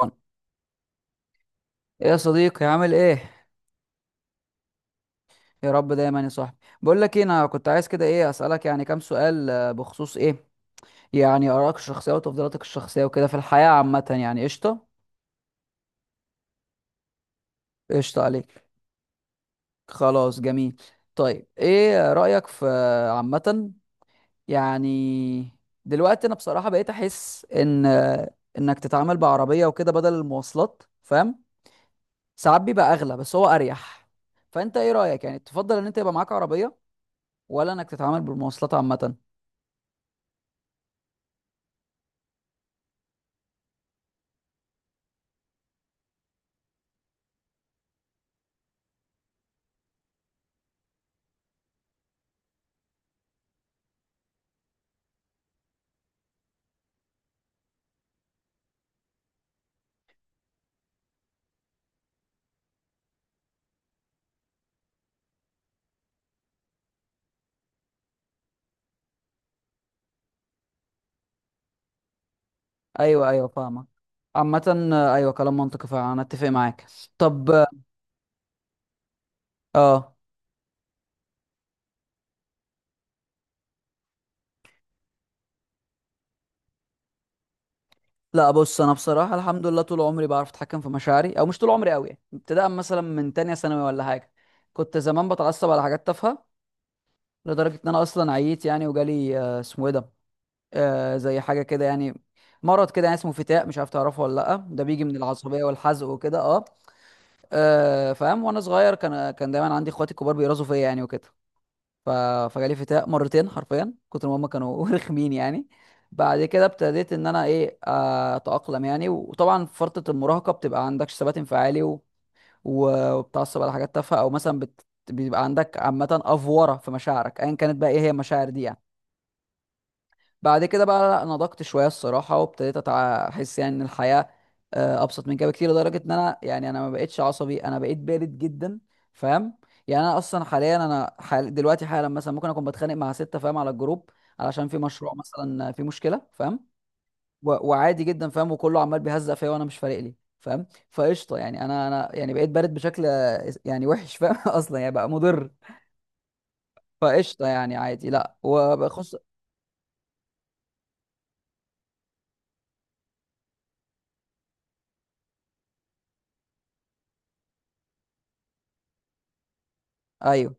ايه؟ يا صديقي، عامل ايه؟ يا رب دايما يا صاحبي. بقول لك ايه، انا كنت عايز كده ايه اسالك يعني كام سؤال، بخصوص ايه يعني ارائك الشخصيه وتفضيلاتك الشخصيه وكده في الحياه عامه. يعني قشطه. قشطه عليك. خلاص، جميل. طيب ايه رايك في عامه يعني دلوقتي؟ انا بصراحه بقيت احس ان انك تتعامل بعربيه وكده بدل المواصلات، فاهم؟ ساعات بيبقى اغلى بس هو اريح. فانت ايه رايك يعني، تفضل ان انت يبقى معاك عربيه، ولا انك تتعامل بالمواصلات عامه؟ ايوه ايوه، فاهمك عامة. ايوه، كلام منطقي فعلا، انا اتفق معاك. طب اه، آه، لا بص، انا بصراحة الحمد لله طول عمري بعرف اتحكم في مشاعري، او مش طول عمري قوي يعني، ابتداء مثلا من تانية ثانوي ولا حاجة. كنت زمان بتعصب على حاجات تافهة لدرجة ان انا اصلا عييت يعني، وجالي اسمه ايه ده، زي حاجة كده يعني، مرض كده يعني اسمه فتاق، مش عارف تعرفه ولا لا؟ ده بيجي من العصبية والحزق وكده. اه، فاهم؟ وانا صغير كان دايما عندي اخواتي الكبار بيرازوا فيا يعني وكده. ف... فجالي فتاق مرتين حرفيا كتر ما هما كانوا رخمين يعني. بعد كده ابتديت ان انا ايه اتاقلم يعني، وطبعا في فتره المراهقه بتبقى عندكش ثبات انفعالي و- وبتعصب على حاجات تافهه، او مثلا بيبقى عندك عامه افوره في مشاعرك ايا كانت، بقى ايه هي المشاعر دي يعني. بعد كده بقى لا، نضجت شويه الصراحه، وابتديت احس يعني ان الحياه ابسط من كده بكتير، لدرجه ان انا يعني انا ما بقتش عصبي، انا بقيت بارد جدا. فاهم؟ يعني انا اصلا حاليا، انا حال دلوقتي حالا مثلا ممكن اكون بتخانق مع سته، فاهم؟ على الجروب علشان في مشروع مثلا، في مشكله، فاهم؟ و- وعادي جدا فاهم، وكله عمال بيهزق فيا وانا مش فارق لي، فاهم؟ فقشطه يعني، انا يعني بقيت بارد بشكل يعني وحش، فاهم؟ اصلا يعني بقى مضر. فقشطه يعني، عادي. لا، وبخص. ايوه،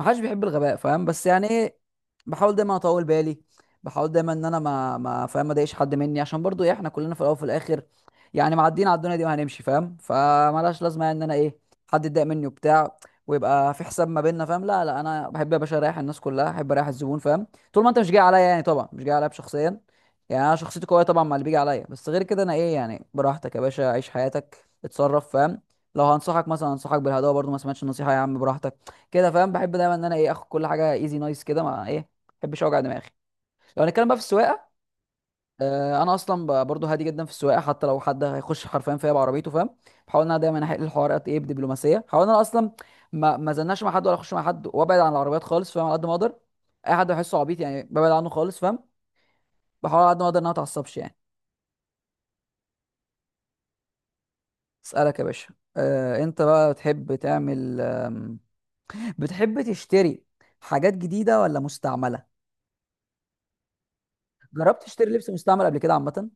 ما حدش بيحب الغباء، فاهم؟ بس يعني ايه، بحاول دايما اطول بالي، بحاول دايما ان انا ما فاهم ما اضايقش حد مني، عشان برضو ايه، احنا كلنا في الاول وفي الاخر يعني معديين على الدنيا دي وهنمشي، فاهم؟ فمالهاش لازمه يعني ان انا ايه حد يتضايق مني وبتاع ويبقى في حساب ما بيننا، فاهم؟ لا لا، انا بحب يا باشا اريح الناس كلها، احب اريح الزبون، فاهم؟ طول ما انت مش جاي عليا يعني، طبعا مش جاي عليا بشخصيا، يعني انا شخصيتي قويه طبعا مع اللي بيجي عليا، بس غير كده انا ايه يعني براحتك يا باشا، عيش حياتك، اتصرف، فاهم؟ لو هنصحك مثلا انصحك بالهدوء، برضو ما سمعتش النصيحه يا عم براحتك كده، فاهم؟ بحب دايما ان انا ايه اخد كل حاجه ايزي نايس كده، مع ايه، ما بحبش اوجع دماغي. لو هنتكلم بقى في السواقه، انا اصلا برضو هادي جدا في السواقه، حتى لو حد هيخش حرفيا فيا بعربيته، فاهم؟ بحاول ان انا دايما احل الحوار قد ايه بدبلوماسيه، بحاول ان انا اصلا ما زلناش مع حد، ولا اخش مع حد، وابعد عن العربيات خالص، فاهم؟ على قد ما اقدر، اي حد بحسه عبيط يعني ببعد عنه خالص، فاهم؟ بحاول على قد ما اقدر ان انا ما اتعصبش يعني. اسالك يا باشا، أه انت بقى بتحب تعمل بتحب تشتري حاجات جديده ولا مستعمله؟ جربت تشتري لبس مستعمل قبل كده عامه؟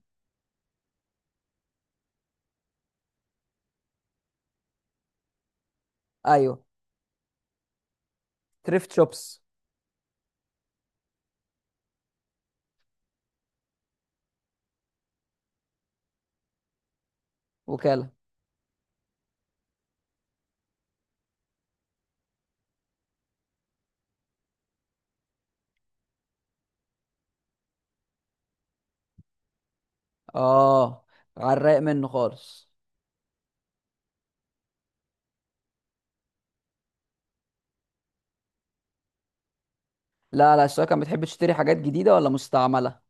ايوه، تريفت شوبس. وكالة. اه، على الرايق منه خالص. لا لا، الشباب كان بتحب تشتري حاجات جديدة ولا مستعملة؟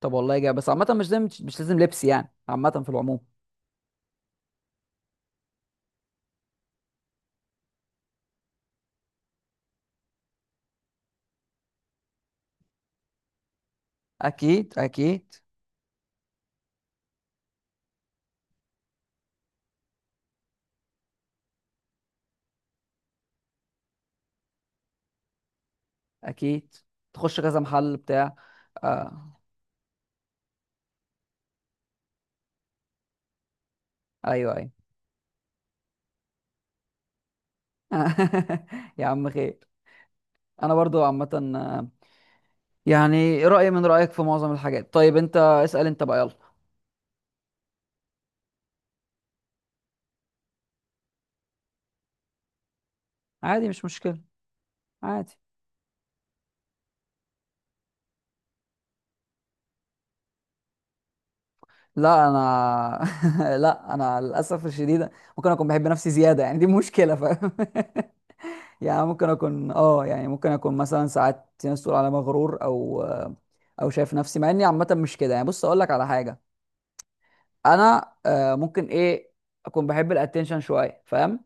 طب والله جاي، بس عامة مش لازم مش لازم لبس يعني، عامة في العموم. اكيد اكيد. اكيد، تخش كذا محل بتاع. آه. ايوه ايوه. يا عم خير. انا برضو عامة، آه، يعني رأيي من رأيك في معظم الحاجات. طيب انت اسأل انت بقى يلا. عادي مش مشكلة. عادي. لا انا لا انا للاسف الشديد ممكن اكون بحب نفسي زياده يعني، دي مشكله، فاهم؟ يعني ممكن اكون اه، يعني ممكن اكون مثلا ساعات في ناس تقول على مغرور، او او شايف نفسي، مع اني عامه مش كده يعني. بص اقول لك على حاجه، انا ممكن ايه اكون بحب الاتنشن شويه، فاهم؟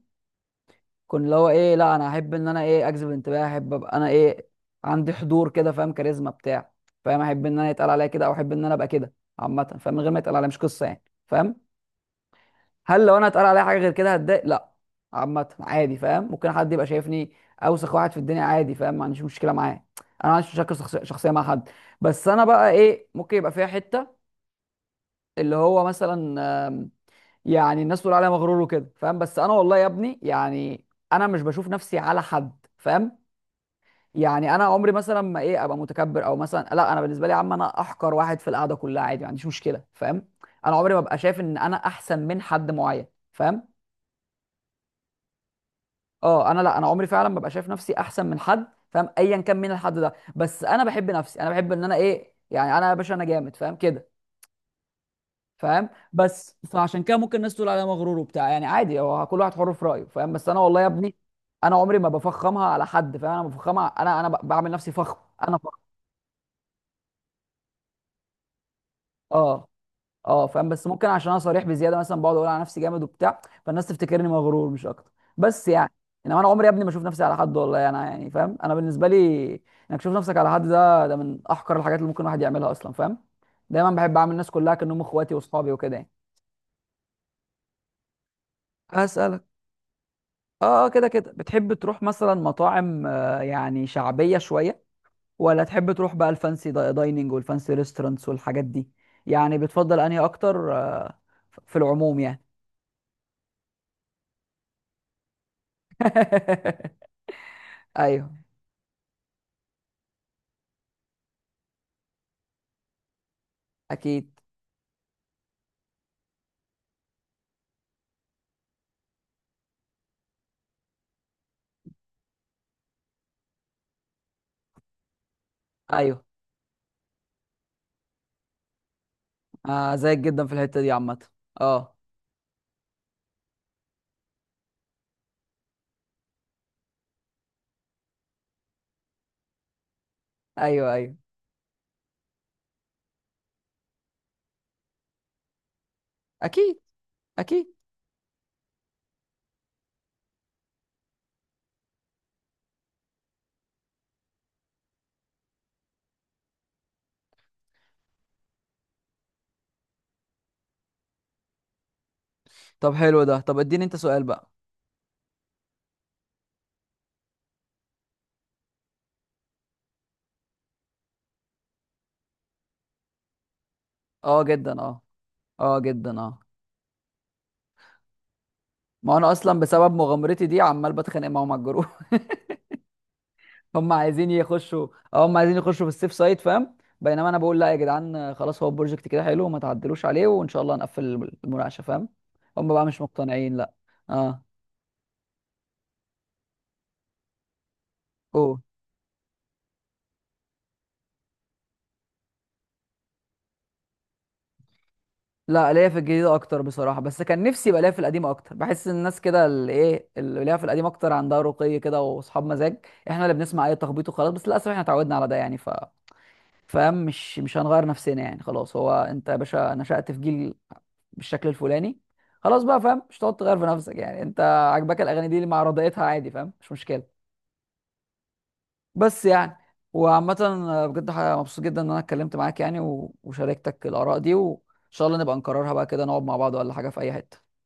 كنت اللي هو ايه، لا انا احب ان انا ايه اجذب انتباه، احب ابقى انا ايه عندي حضور كده، فاهم؟ كاريزما بتاع، فاهم؟ احب ان انا يتقال عليا كده، او احب ان انا ابقى كده عامه، فاهم؟ من غير ما يتقال عليا مش قصه يعني، فاهم؟ هل لو انا اتقال عليا حاجه غير كده هتضايق؟ لا، عامه عادي، فاهم؟ ممكن حد يبقى شايفني اوسخ واحد في الدنيا عادي، فاهم؟ ما عنديش مشكله معاه، انا ما عنديش مشاكل شخصيه مع حد. بس انا بقى ايه ممكن يبقى فيها حته اللي هو مثلا آم، يعني الناس تقول عليا مغرور وكده، فاهم؟ بس انا والله يا ابني يعني انا مش بشوف نفسي على حد، فاهم؟ يعني انا عمري مثلا ما ايه ابقى متكبر، او مثلا لا انا بالنسبه لي يا عم انا احقر واحد في القعده كلها عادي، ما عنديش مشكله، فاهم؟ انا عمري ما ابقى شايف ان انا احسن من حد معين، فاهم؟ اه، انا لا، انا عمري فعلا ما ببقى شايف نفسي احسن من حد، فاهم؟ ايا كان مين الحد ده، بس انا بحب نفسي، انا بحب ان انا ايه يعني، انا يا باشا انا جامد، فاهم كده؟ فاهم؟ بس فعشان كده ممكن الناس تقول عليا مغرور وبتاع يعني، عادي هو كل واحد حر في رايه، فاهم؟ بس انا والله يا ابني انا عمري ما بفخمها على حد، فاهم؟ انا بفخمها، انا بعمل نفسي فخم. انا فخم. اه. اه، فاهم؟ بس ممكن عشان انا صريح بزياده مثلا بقعد اقول على نفسي جامد وبتاع، فالناس تفتكرني مغرور مش اكتر. بس يعني انما انا عمري يا ابني ما اشوف نفسي على حد، والله انا يعني، فاهم؟ انا بالنسبه لي انك تشوف نفسك على حد ده من احقر الحاجات اللي ممكن الواحد يعملها اصلا، فاهم؟ دايما بحب اعمل الناس كلها كانهم اخواتي واصحابي وكده يعني. هسألك اه، كده كده بتحب تروح مثلا مطاعم يعني شعبيه شويه، ولا تحب تروح بقى الفانسي دايننج والفانسي ريستورانتس والحاجات دي؟ يعني بتفضل انهي اكتر في العموم يعني؟ ايوه اكيد. ايوه، آه زيك جدا في الحته دي عامه. اه. ايوه ايوه. اكيد اكيد. طب حلو ده، طب اديني انت سؤال بقى. اه جدا، اه. اه جدا، اه. ما انا اصلا بسبب مغامرتي دي عمال بتخانق معاهم على الجروب. هم عايزين يخشوا. اه، هم عايزين يخشوا في السيف سايت، فاهم؟ بينما انا بقول لا يا جدعان، خلاص هو البروجكت كده حلو، ما تعدلوش عليه، وان شاء الله هنقفل المناقشه، فاهم؟ هم بقى مش مقتنعين لا. اه. قول. لا، ليا في الجديدة أكتر بصراحة، بس كان نفسي يبقى ليا في القديم أكتر. بحس إن الناس كده اللي إيه اللي ليها في القديم أكتر عندها رقي كده وأصحاب مزاج، إحنا اللي بنسمع أي تخبيط وخلاص. بس للأسف إحنا اتعودنا على ده يعني، فاهم؟ مش هنغير نفسنا يعني، خلاص هو أنت يا باشا نشأت في جيل بالشكل الفلاني، خلاص بقى، فاهم؟ مش هتقعد تغير في نفسك يعني، أنت عاجباك الأغاني دي اللي مع رضايتها، عادي فاهم، مش مشكلة. بس يعني وعامة، بجد مبسوط جدا إن أنا اتكلمت معاك يعني و- وشاركتك الآراء دي، وإن شاء الله نبقى نكررها بقى كده، نقعد مع بعض ولا حاجة في أي حتة.